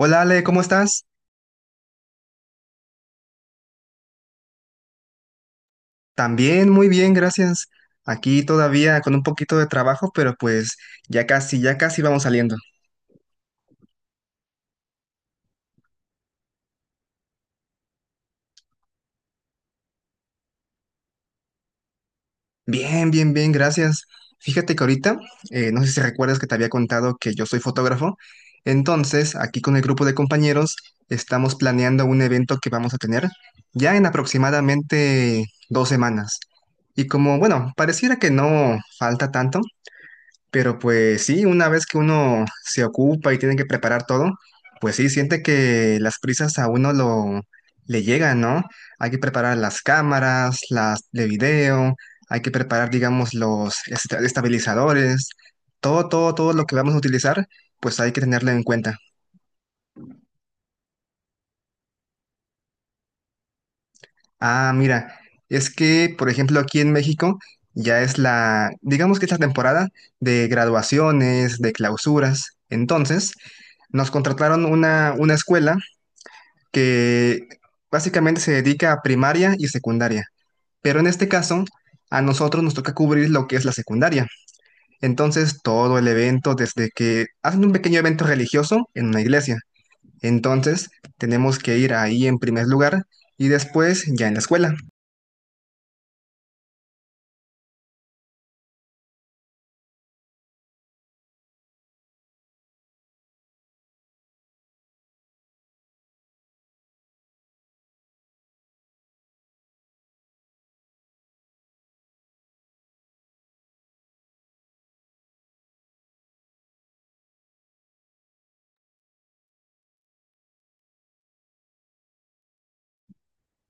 Hola Ale, ¿cómo estás? También muy bien, gracias. Aquí todavía con un poquito de trabajo, pero pues ya casi vamos saliendo. Bien, bien, bien, gracias. Fíjate que ahorita, no sé si recuerdas que te había contado que yo soy fotógrafo. Entonces, aquí con el grupo de compañeros estamos planeando un evento que vamos a tener ya en aproximadamente 2 semanas. Y como, bueno, pareciera que no falta tanto, pero pues sí, una vez que uno se ocupa y tiene que preparar todo, pues sí, siente que las prisas a uno lo le llegan, ¿no? Hay que preparar las cámaras, las de video, hay que preparar, digamos, los estabilizadores, todo, todo, todo lo que vamos a utilizar, pues hay que tenerlo en cuenta. Ah, mira, es que, por ejemplo, aquí en México ya es la, digamos que es la temporada de graduaciones, de clausuras. Entonces, nos contrataron una escuela que básicamente se dedica a primaria y secundaria. Pero en este caso, a nosotros nos toca cubrir lo que es la secundaria. Entonces, todo el evento, desde que hacen un pequeño evento religioso en una iglesia. Entonces, tenemos que ir ahí en primer lugar y después ya en la escuela.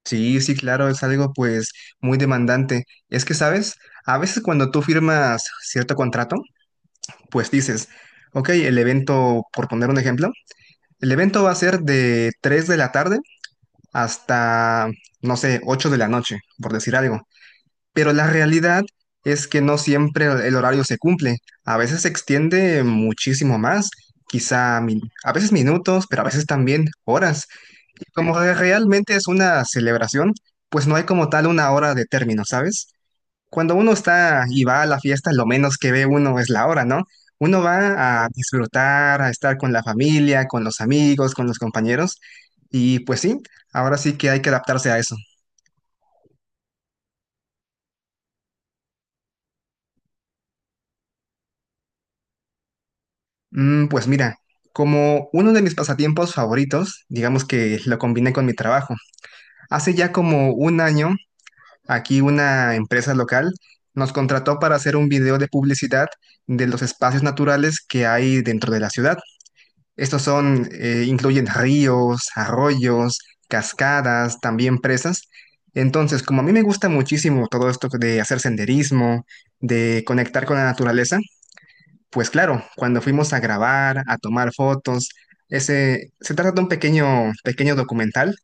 Sí, sí, claro, es algo pues muy demandante. Es que, ¿sabes? A veces cuando tú firmas cierto contrato, pues dices, ok, el evento, por poner un ejemplo, el evento va a ser de 3 de la tarde hasta, no sé, 8 de la noche, por decir algo. Pero la realidad es que no siempre el horario se cumple. A veces se extiende muchísimo más, quizá a veces minutos, pero a veces también horas. Y como realmente es una celebración, pues no hay como tal una hora de término, ¿sabes? Cuando uno está y va a la fiesta, lo menos que ve uno es la hora, ¿no? Uno va a disfrutar, a estar con la familia, con los amigos, con los compañeros. Y pues sí, ahora sí que hay que adaptarse a eso. Mm, pues mira, como uno de mis pasatiempos favoritos, digamos que lo combiné con mi trabajo. Hace ya como un año aquí una empresa local nos contrató para hacer un video de publicidad de los espacios naturales que hay dentro de la ciudad. Estos son, incluyen ríos, arroyos, cascadas, también presas. Entonces, como a mí me gusta muchísimo todo esto de hacer senderismo, de conectar con la naturaleza, pues claro, cuando fuimos a grabar, a tomar fotos, ese, se trata de un pequeño, pequeño documental.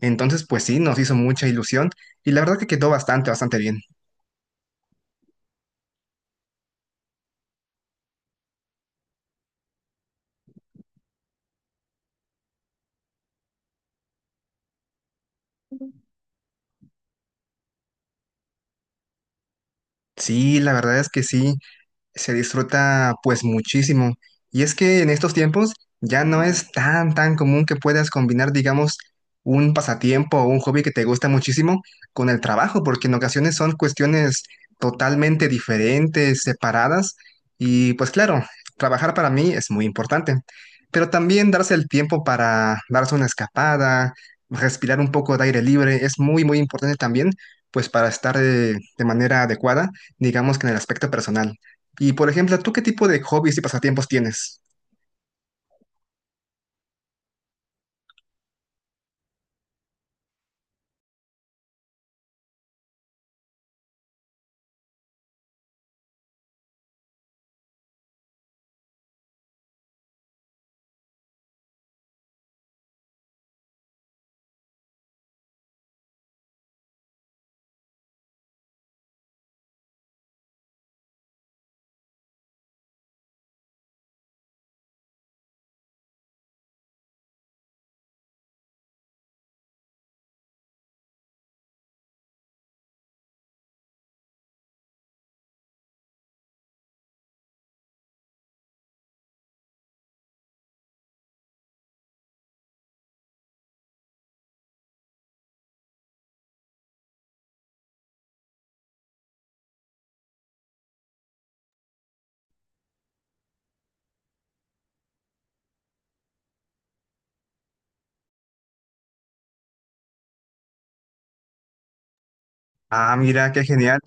Entonces, pues sí, nos hizo mucha ilusión y la verdad que quedó bastante, bastante bien. Sí, la verdad es que sí se disfruta pues muchísimo. Y es que en estos tiempos ya no es tan, tan común que puedas combinar, digamos, un pasatiempo o un hobby que te gusta muchísimo con el trabajo, porque en ocasiones son cuestiones totalmente diferentes, separadas. Y pues claro, trabajar para mí es muy importante, pero también darse el tiempo para darse una escapada, respirar un poco de aire libre, es muy, muy importante también, pues para estar de manera adecuada, digamos que en el aspecto personal. Y por ejemplo, ¿tú qué tipo de hobbies y pasatiempos tienes? Ah, mira, qué genial.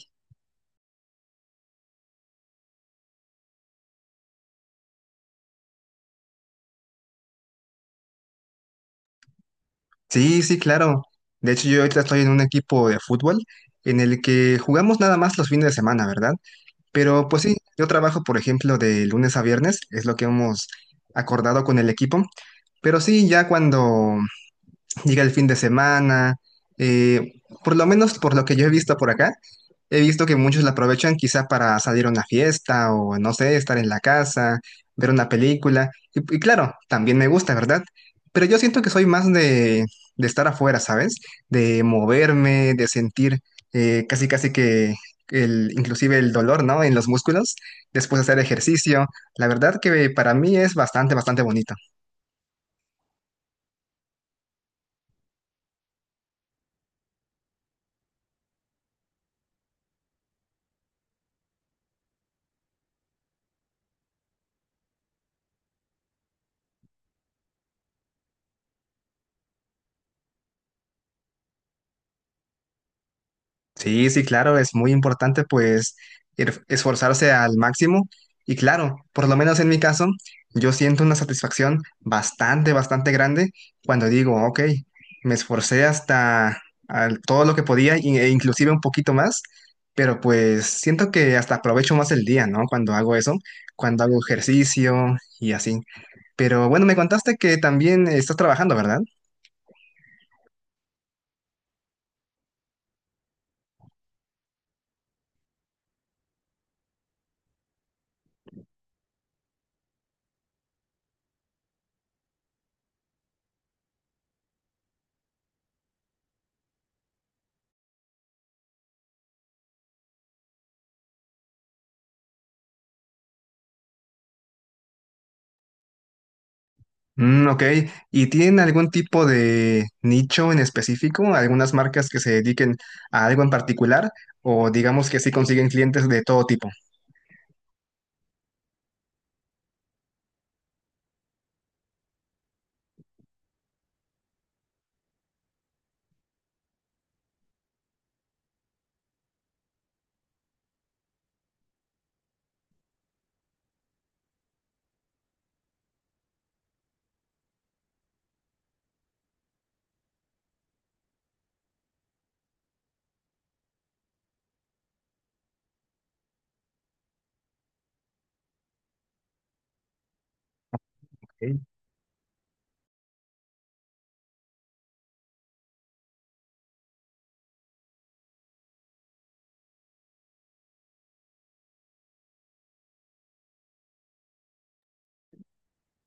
Sí, sí, claro. De hecho, yo ahorita estoy en un equipo de fútbol en el que jugamos nada más los fines de semana, ¿verdad? Pero pues sí, yo trabajo, por ejemplo, de lunes a viernes, es lo que hemos acordado con el equipo. Pero sí, ya cuando llega el fin de semana, eh, por lo menos por lo que yo he visto por acá, he visto que muchos la aprovechan quizá para salir a una fiesta o no sé, estar en la casa, ver una película. Y claro, también me gusta, ¿verdad? Pero yo siento que soy más de estar afuera, ¿sabes? De moverme, de sentir casi casi que el, inclusive el dolor, ¿no? En los músculos, después de hacer ejercicio. La verdad que para mí es bastante, bastante bonito. Sí, sí, claro, es muy importante pues esforzarse al máximo y claro, por lo menos en mi caso, yo siento una satisfacción bastante, bastante grande cuando digo, ok, me esforcé hasta todo lo que podía e inclusive un poquito más, pero pues siento que hasta aprovecho más el día, ¿no? Cuando hago eso, cuando hago ejercicio y así. Pero bueno, me contaste que también estás trabajando, ¿verdad? Mm, ok. ¿Y tienen algún tipo de nicho en específico? ¿Algunas marcas que se dediquen a algo en particular? ¿O digamos que sí consiguen clientes de todo tipo? Ok.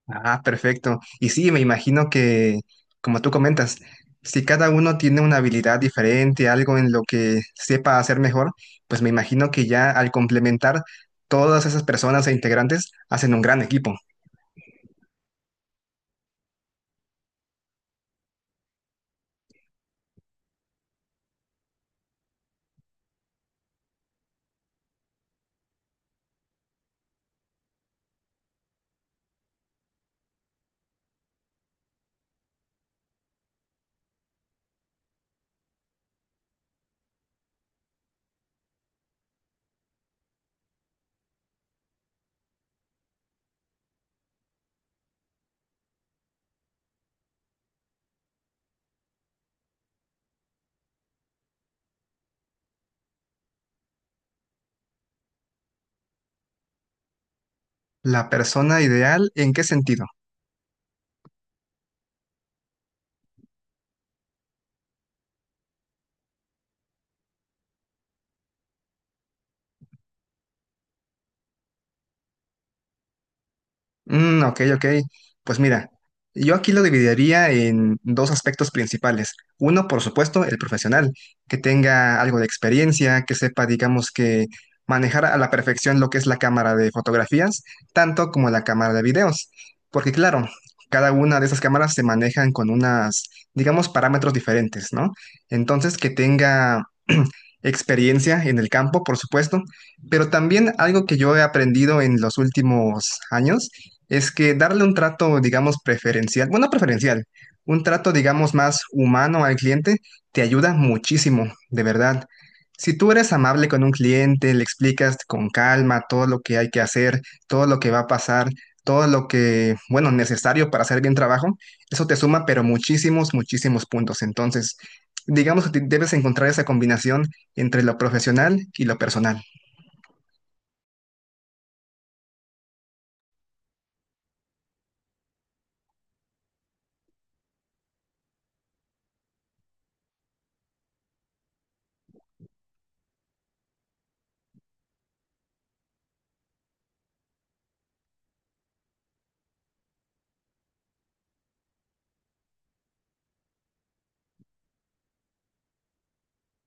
Ah, perfecto. Y sí, me imagino que, como tú comentas, si cada uno tiene una habilidad diferente, algo en lo que sepa hacer mejor, pues me imagino que ya al complementar todas esas personas e integrantes hacen un gran equipo. La persona ideal, ¿en qué sentido? Mm, ok, ok. Pues mira, yo aquí lo dividiría en 2 aspectos principales. Uno, por supuesto, el profesional, que tenga algo de experiencia, que sepa, digamos, que manejar a la perfección lo que es la cámara de fotografías, tanto como la cámara de videos. Porque claro, cada una de esas cámaras se manejan con unas, digamos, parámetros diferentes, ¿no? Entonces, que tenga experiencia en el campo, por supuesto, pero también algo que yo he aprendido en los últimos años es que darle un trato, digamos, preferencial, bueno, no preferencial, un trato, digamos, más humano al cliente te ayuda muchísimo, de verdad. Si tú eres amable con un cliente, le explicas con calma todo lo que hay que hacer, todo lo que va a pasar, todo lo que, bueno, necesario para hacer bien trabajo, eso te suma, pero muchísimos, muchísimos puntos. Entonces, digamos que debes encontrar esa combinación entre lo profesional y lo personal.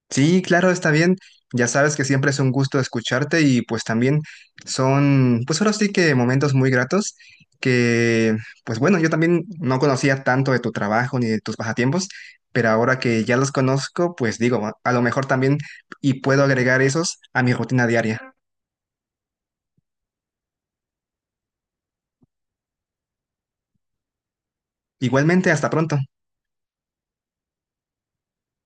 Sí, claro, está bien. Ya sabes que siempre es un gusto escucharte y pues también son, pues ahora sí que momentos muy gratos que, pues bueno, yo también no conocía tanto de tu trabajo ni de tus pasatiempos, pero ahora que ya los conozco, pues digo, a lo mejor también y puedo agregar esos a mi rutina diaria. Igualmente, hasta pronto.